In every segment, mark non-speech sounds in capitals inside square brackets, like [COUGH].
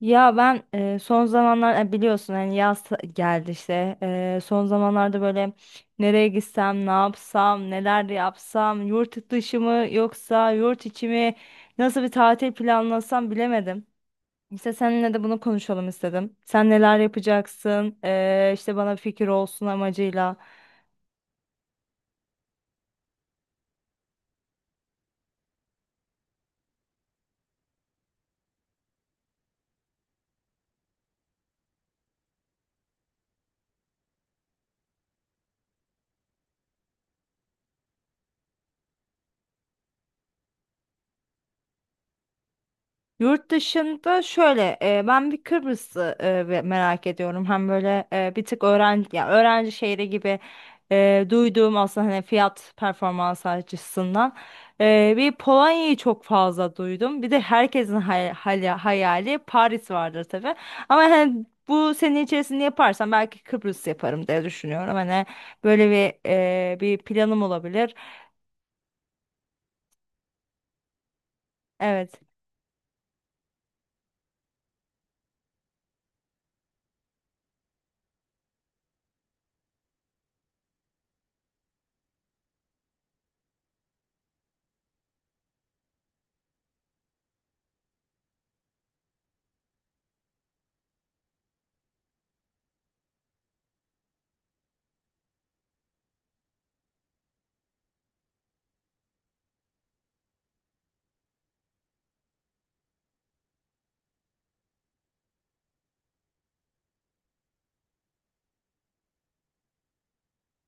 Ya ben son zamanlar biliyorsun hani yaz geldi işte son zamanlarda böyle nereye gitsem ne yapsam neler yapsam yurt dışı mı yoksa yurt içi mi nasıl bir tatil planlasam bilemedim. İşte seninle de bunu konuşalım istedim. Sen neler yapacaksın işte bana fikir olsun amacıyla. Yurt dışında şöyle ben bir Kıbrıs'ı merak ediyorum. Hem böyle bir tık öğrenci ya öğrenci şehri gibi duyduğum aslında hani fiyat performans açısından bir Polonya'yı çok fazla duydum. Bir de herkesin hayali Paris vardır tabii. Ama hani bu sene içerisinde yaparsam belki Kıbrıs yaparım diye düşünüyorum. Hani böyle bir planım olabilir. Evet.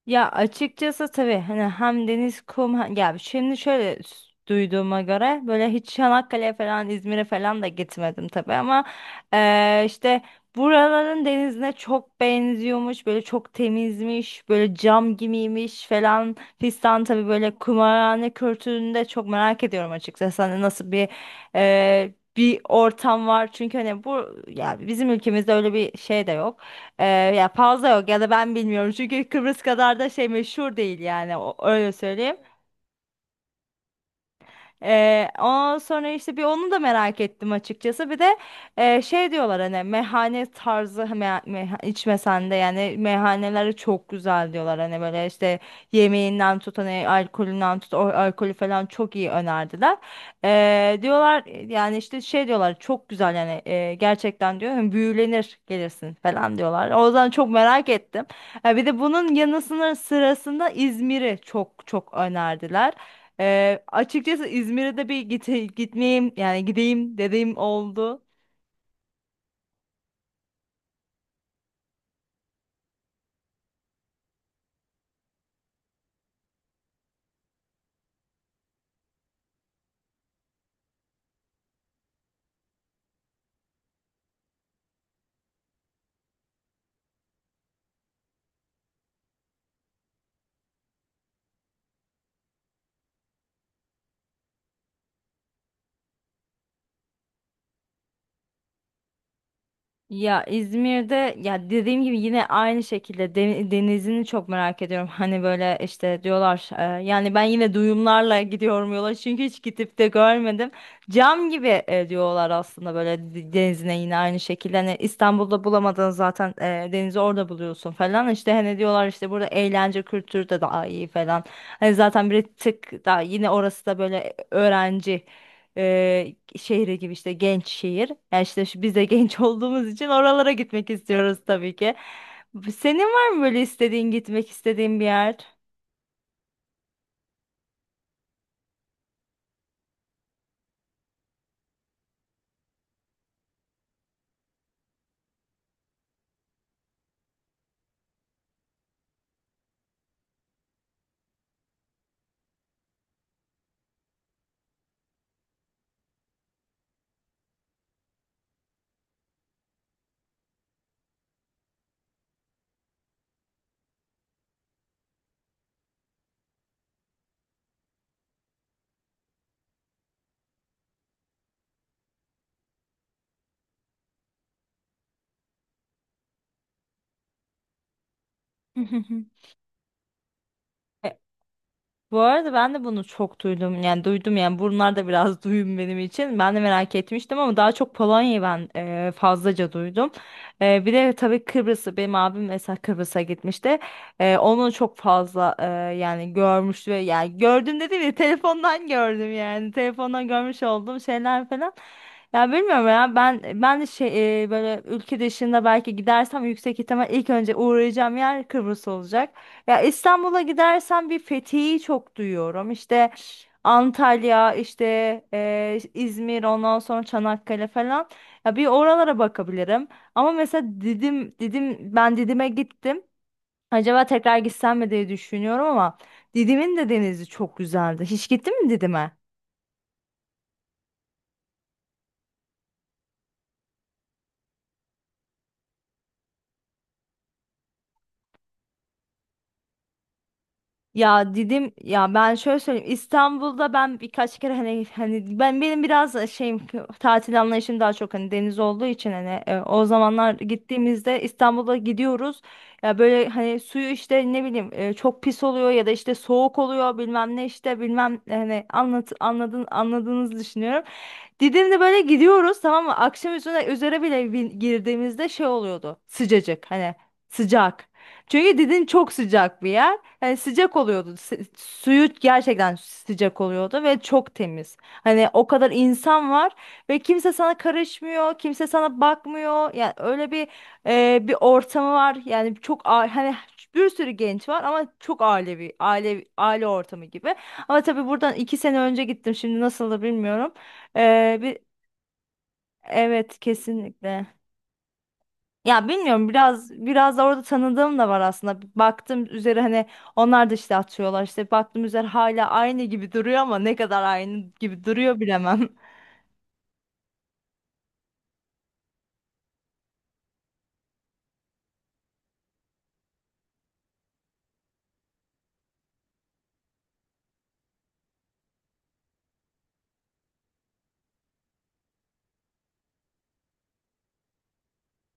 Ya açıkçası tabii hani hem deniz kum ya şimdi şöyle duyduğuma göre böyle hiç Çanakkale'ye falan İzmir'e falan da gitmedim tabii ama işte buraların denizine çok benziyormuş, böyle çok temizmiş, böyle cam gibiymiş falan fistan. Tabii böyle kumarhane kültürünü de çok merak ediyorum açıkçası, hani nasıl bir ortam var. Çünkü hani bu ya bizim ülkemizde öyle bir şey de yok. Ee, Ya fazla yok ya da ben bilmiyorum, çünkü Kıbrıs kadar da şey meşhur değil yani, o, öyle söyleyeyim. Ondan sonra işte bir onu da merak ettim açıkçası. Bir de şey diyorlar, hani meyhane tarzı, me me içmesen de yani meyhaneleri çok güzel diyorlar. Hani böyle işte yemeğinden tut, hani alkolünden tut, o alkolü falan çok iyi önerdiler. Diyorlar yani işte, şey diyorlar çok güzel yani, gerçekten diyor hani büyülenir gelirsin falan diyorlar. O yüzden çok merak ettim. Ha, bir de bunun yanı sırasında İzmir'i çok çok önerdiler. Açıkçası İzmir'e de bir gitmeyeyim yani gideyim dediğim oldu. Ya İzmir'de ya, dediğim gibi, yine aynı şekilde denizini çok merak ediyorum. Hani böyle işte diyorlar yani ben yine duyumlarla gidiyorum yola, çünkü hiç gidip de görmedim. Cam gibi diyorlar aslında, böyle denizine yine aynı şekilde. Hani İstanbul'da bulamadığın zaten denizi orada buluyorsun falan. İşte hani diyorlar işte burada eğlence kültürü de daha iyi falan. Hani zaten bir tık daha yine orası da böyle öğrenci şehri gibi, işte genç şehir. Yani işte biz de genç [LAUGHS] olduğumuz için oralara gitmek istiyoruz tabii ki. Senin var mı böyle gitmek istediğin bir yer? [LAUGHS] Bu arada ben de bunu çok duydum. Yani duydum yani, bunlar da biraz [LAUGHS] duyum benim için. Ben de merak etmiştim ama daha çok Polonya'yı ben fazlaca duydum. Bir de tabii Kıbrıs'ı, benim abim mesela Kıbrıs'a gitmişti. Onu çok fazla yani görmüş ve yani, gördüm dediğim gibi telefondan gördüm yani. Telefondan görmüş olduğum şeyler falan. Ya bilmiyorum, ya ben de şey, böyle ülke dışında belki gidersem yüksek ihtimal ilk önce uğrayacağım yer Kıbrıs olacak. Ya İstanbul'a gidersen bir Fethiye'yi çok duyuyorum. İşte Antalya, işte İzmir, ondan sonra Çanakkale falan. Ya bir oralara bakabilirim. Ama mesela Didim, ben Didim'e gittim. Acaba tekrar gitsem mi diye düşünüyorum ama Didim'in de denizi çok güzeldi. Hiç gittin mi Didim'e? Ya dedim ya, ben şöyle söyleyeyim, İstanbul'da ben birkaç kere hani ben, benim biraz da şeyim, tatil anlayışım daha çok hani deniz olduğu için, hani o zamanlar gittiğimizde İstanbul'a gidiyoruz ya, böyle hani suyu işte ne bileyim çok pis oluyor ya da işte soğuk oluyor, bilmem ne işte, bilmem hani anladın, anladığınızı düşünüyorum. Didim'de böyle gidiyoruz tamam mı? Akşam üzere bile girdiğimizde şey oluyordu. Sıcacık, hani sıcak. Çünkü Didim çok sıcak bir yer. Hani sıcak oluyordu. Suyu gerçekten sıcak oluyordu ve çok temiz. Hani o kadar insan var ve kimse sana karışmıyor, kimse sana bakmıyor. Yani öyle bir ortamı var. Yani çok hani bir sürü genç var ama çok ailevi, aile aile ortamı gibi. Ama tabii buradan iki sene önce gittim. Şimdi nasıldır bilmiyorum. Ee, bir, evet kesinlikle. Ya bilmiyorum, biraz biraz da orada tanıdığım da var aslında. Baktım üzeri hani, onlar da işte atıyorlar işte, baktım üzeri hala aynı gibi duruyor, ama ne kadar aynı gibi duruyor bilemem.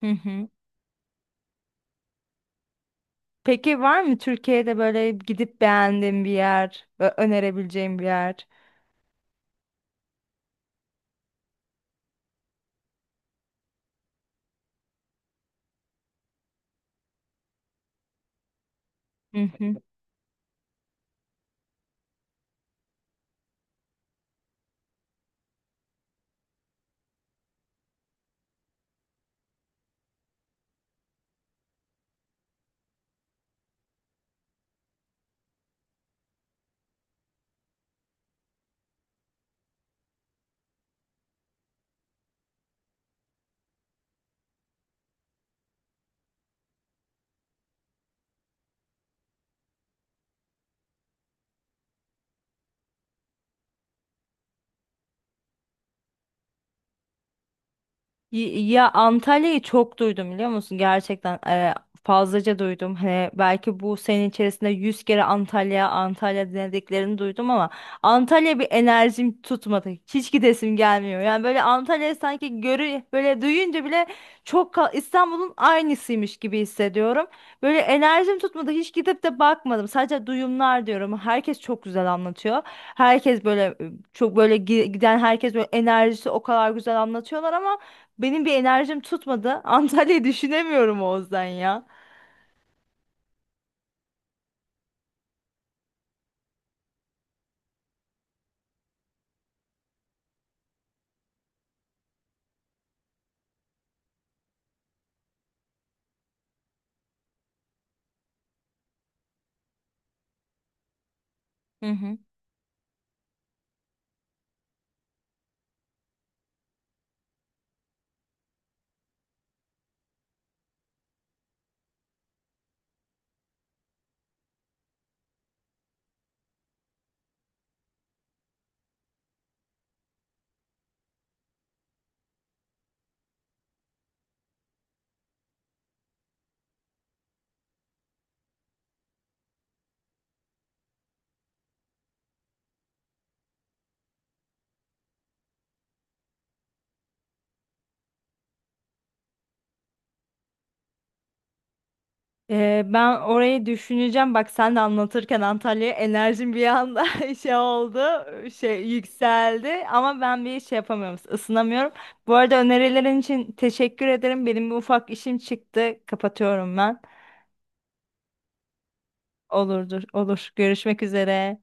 [LAUGHS] Hı hı. Peki var mı Türkiye'de böyle gidip beğendiğin bir yer, önerebileceğin bir yer? Hı hı. Ya Antalya'yı çok duydum biliyor musun? Gerçekten fazlaca duydum. Hani belki bu sene içerisinde 100 kere Antalya, Antalya denediklerini duydum ama Antalya bir enerjim tutmadı. Hiç gidesim gelmiyor. Yani böyle Antalya, sanki böyle duyunca bile çok İstanbul'un aynısıymış gibi hissediyorum. Böyle enerjim tutmadı. Hiç gidip de bakmadım. Sadece duyumlar diyorum. Herkes çok güzel anlatıyor. Herkes böyle çok böyle giden herkes böyle enerjisi o kadar güzel anlatıyorlar ama benim bir enerjim tutmadı. [LAUGHS] Antalya'yı düşünemiyorum Oğuzdan ya. Hı hı. Ben orayı düşüneceğim. Bak sen de anlatırken Antalya'ya enerjim bir anda [LAUGHS] şey oldu. Şey yükseldi. Ama ben bir şey yapamıyorum, ısınamıyorum. Bu arada önerilerin için teşekkür ederim. Benim bir ufak işim çıktı. Kapatıyorum ben. Olurdur. Olur. Görüşmek üzere.